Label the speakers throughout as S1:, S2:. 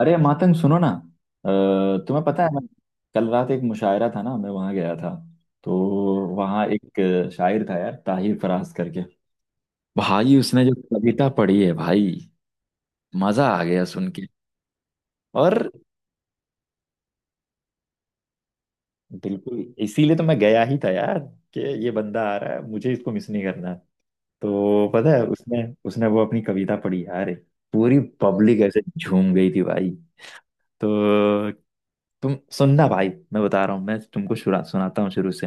S1: अरे मातंग, सुनो ना। तुम्हें पता है, मैं कल रात एक मुशायरा था ना, मैं वहां गया था। तो वहां एक शायर था यार, ताहिर फराज करके। भाई, उसने जो कविता पढ़ी है भाई, मजा आ गया सुन के। और बिल्कुल इसीलिए तो मैं गया ही था यार, कि ये बंदा आ रहा है, मुझे इसको मिस नहीं करना। तो पता है, उसने उसने वो अपनी कविता पढ़ी यार। पूरी पब्लिक ऐसे झूम गई थी भाई। तो तुम सुनना भाई, मैं बता रहा हूँ, मैं तुमको सुनाता हूँ शुरू से।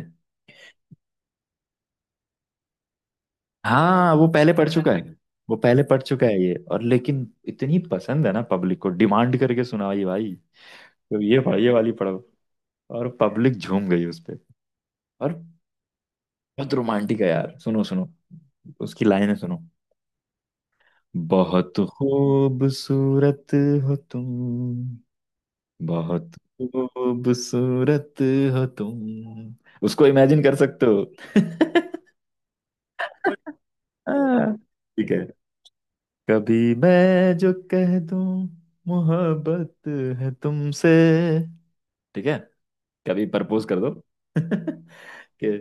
S1: हाँ, वो पहले पढ़ है ना चुका है। वो पहले पढ़ चुका है ये, और लेकिन इतनी पसंद है ना, पब्लिक को डिमांड करके सुनाई भाई। तो ये पढ़, ये वाली पढ़ो। और पब्लिक झूम गई उस पे। और बहुत रोमांटिक है यार, सुनो सुनो, उसकी लाइनें सुनो। बहुत खूबसूरत हो तुम, बहुत खूबसूरत हो तुम। उसको इमेजिन कर सकते हो। हाँ, ठीक है। कभी मैं जो कह दूं मोहब्बत है तुमसे, ठीक है, कभी प्रपोज कर दो कि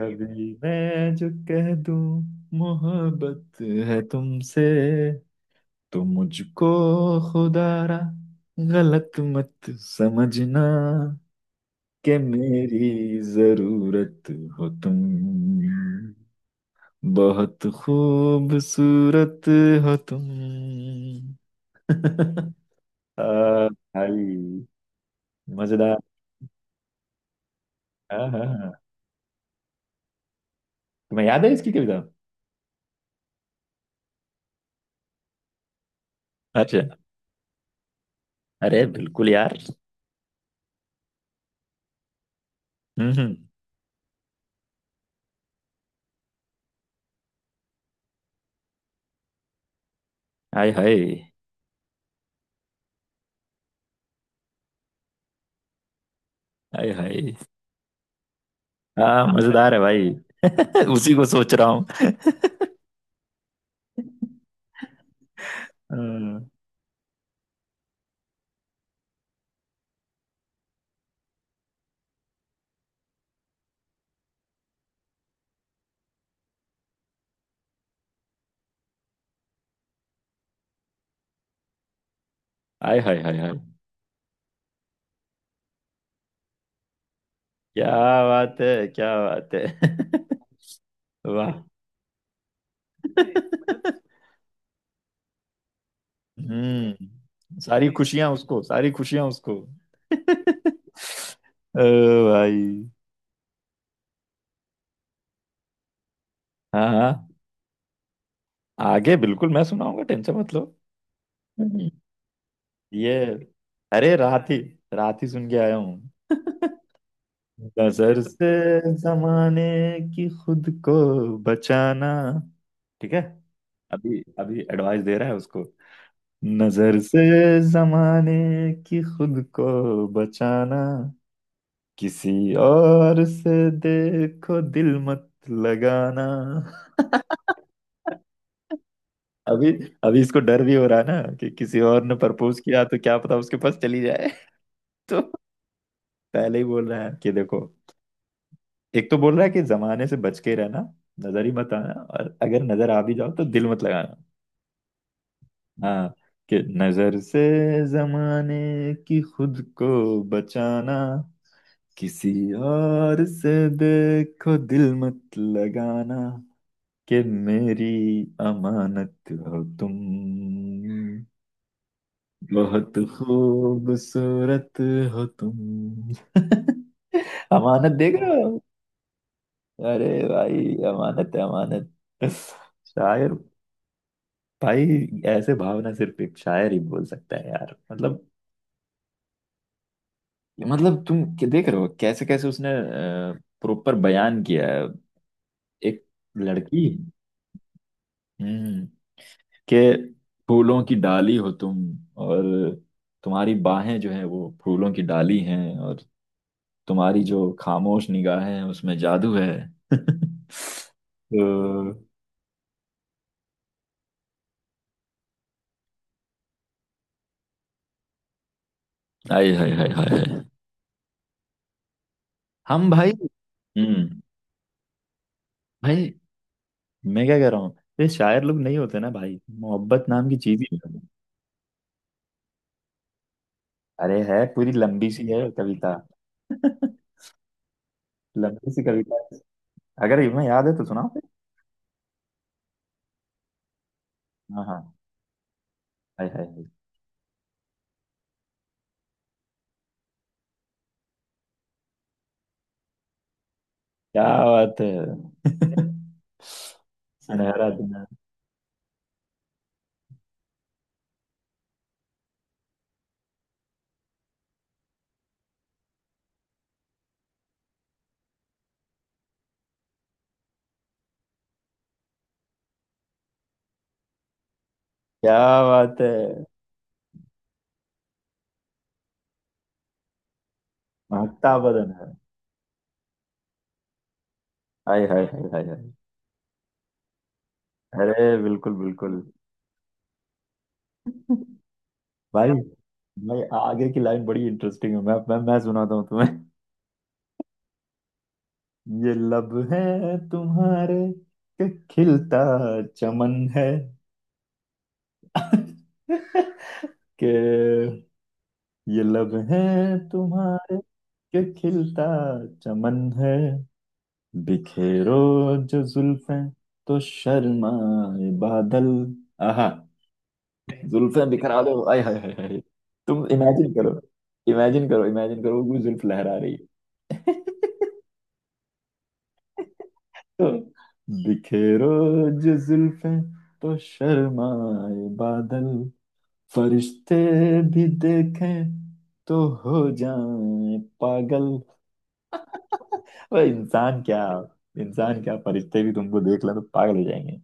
S1: कभी मैं जो कह दूं मोहब्बत है तुमसे, तो मुझको खुदारा गलत मत समझना कि मेरी जरूरत हो तुम, बहुत खूबसूरत हो तुम। आ, भाई मजेदार। हाँ हाँ हाँ। तुम्हें याद है इसकी कविता? अच्छा। अरे बिल्कुल यार। हम्म हम्म। हाय हाय हाय हाय। हाँ, मजेदार है भाई। उसी को सोच रहा हूँ। हाँ, हाय हाय हाय हाय। क्या बात है, क्या बात है। वाह। सारी खुशियां उसको, सारी खुशियां उसको, ओ भाई। हाँ हाँ, आगे बिल्कुल मैं सुनाऊंगा, टेंशन मत लो। हम्म। ये अरे रात ही सुन के आया हूँ। नजर से जमाने की खुद को बचाना। ठीक है। अभी अभी एडवाइस दे रहा है उसको। नजर से जमाने की खुद को बचाना, किसी और से देखो दिल मत लगाना। अभी अभी इसको डर भी हो रहा है ना, कि किसी और ने प्रपोज किया तो क्या पता उसके पास चली जाए। तो पहले ही बोल रहा है कि देखो, एक तो बोल रहा है कि जमाने से बच के रहना, नजर ही मत आना, और अगर नजर आ भी जाओ तो दिल मत लगाना। हाँ, कि नजर से जमाने की खुद को बचाना, किसी और से देखो दिल मत लगाना, कि मेरी अमानत हो तुम, बहुत खूबसूरत हो तुम। अमानत देख रहे हो। अरे भाई, अमानत है अमानत, शायर भाई। ऐसे भावना सिर्फ एक शायर ही बोल सकता है यार, मतलब। मतलब तुम क्या देख रहे हो, कैसे कैसे उसने प्रॉपर बयान किया है। एक लड़की, हम्म के फूलों की डाली हो तुम, और तुम्हारी बाहें जो है वो फूलों की डाली हैं, और तुम्हारी जो खामोश निगाहें हैं उसमें जादू है। तो हाय हाय हाय हाय हाय। हम भाई। हम्म भाई, मैं क्या कह रहा हूँ, ये शायर लोग नहीं होते ना भाई, मोहब्बत नाम की चीज ही नहीं है। अरे है, पूरी लंबी सी है कविता, लंबी सी कविता है। अगर तुम्हें याद है तो सुनाओ फिर। हाँ हाँ। हाय हाय हाय। क्या बात है। सुनहरा दिन है, क्या बात है। महकता बदन है। हाय हाय हाय हाय हाय। अरे बिल्कुल बिल्कुल। भाई भाई, आगे की लाइन बड़ी इंटरेस्टिंग है, मैं सुनाता हूँ तुम्हें। ये लब है तुम्हारे के खिलता चमन है। के ये लब है तुम्हारे के खिलता चमन है। बिखेरो जो जुल्फें तो शर्माए बादल। आहा। जुल्फें बिखरा दो, आय हाय हाय हाय। तुम इमेजिन करो, इमेजिन करो, इमेजिन करो, कोई जुल्फ लहरा रही है। बिखेरो जो जुल्फें तो शर्माए बादल, फरिश्ते भी देखें तो हो जाएं पागल। ओए, इंसान क्या, इंसान क्या, फरिश्ते भी तुमको देख लें तो पागल हो जाएंगे।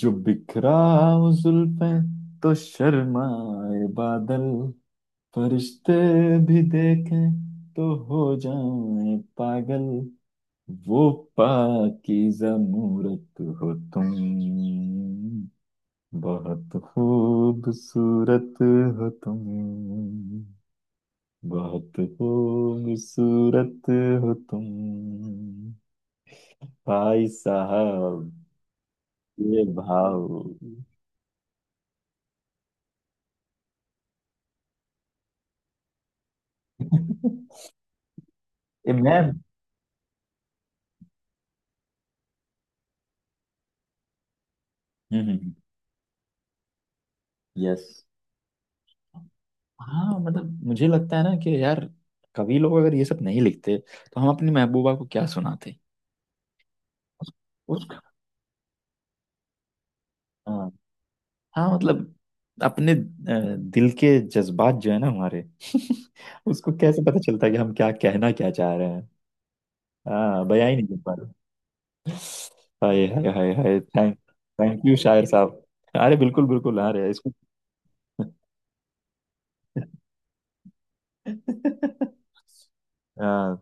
S1: जो बिखरा हो जुल्फें तो शर्माए बादल, फरिश्ते भी देखें तो हो जाएं पागल, वो पाकीज़ा मूरत हो तुम, बहुत खूबसूरत हो तुम, बहुत खूबसूरत हो तुम। भाई साहब, ये भाव। ए मैम। हम्म। यस। हाँ, मतलब मुझे लगता है ना कि यार, कवि लोग अगर ये सब नहीं लिखते तो हम अपनी महबूबा को क्या सुनाते। उस, हाँ, हाँ मतलब अपने दिल के जज्बात जो है ना हमारे, उसको कैसे पता चलता है कि हम क्या कहना क्या चाह रहे हैं। हाँ, बयां ही नहीं कर पा रहे। Hi hi hi hi. Thank thank you शायर साहब। अरे बिल्कुल बिल्कुल आ रहे हैं इसको। हाँ।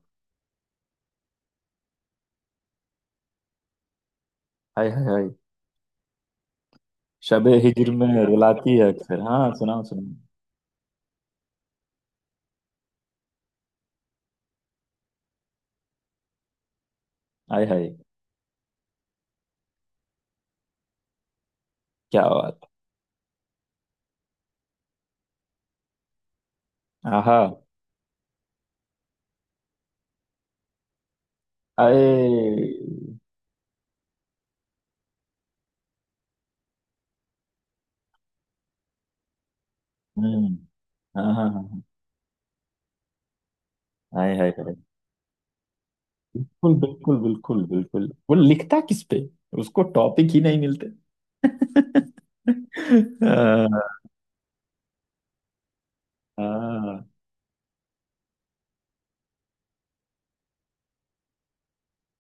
S1: हाय हाय हाय, शबे हिजर में रुलाती है अक्सर। हाँ, सुनाओ सुनाओ। हाय हाय, क्या बात। आहा। आए। हम्म। हाँ हाँ हाँ हाँ। हाय हाय हाय। बिल्कुल बिल्कुल बिल्कुल बिल्कुल, वो लिखता किस पे, उसको टॉपिक ही नहीं मिलते। हाँ, हाँ,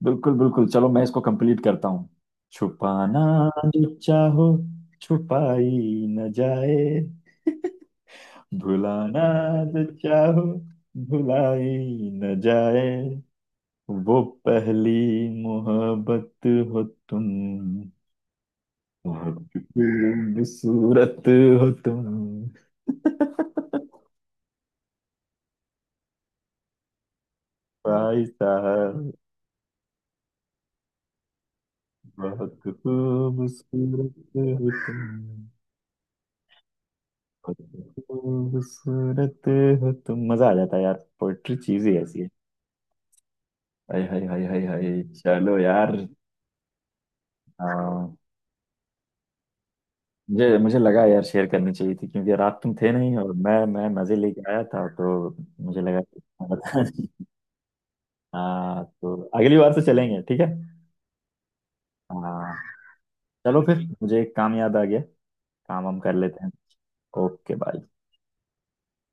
S1: बिल्कुल बिल्कुल, चलो मैं इसको कंप्लीट करता हूँ। छुपाना जो चाहो छुपाई न जाए, भुलाना जो चाहो भुलाई न जाए, वो पहली मोहब्बत हो तुम, बहुत खूबसूरत हो तुम, भाई साहब, बहुत खूबसूरत हो तुम, बहुत खूबसूरत हो तुम। मजा आ जाता है यार, पोइट्री चीज ही ऐसी है। हाय हाय हाय हाय हाय। चलो यार। हाँ, मुझे मुझे लगा यार, शेयर करनी चाहिए थी क्योंकि रात तुम थे नहीं और मैं मजे लेके आया था, तो मुझे लगा कि तुम्हें पता नहीं। हाँ, तो अगली बार से चलेंगे, ठीक है। हाँ। चलो फिर, मुझे एक काम याद आ गया, काम हम कर लेते हैं। Okay, bye.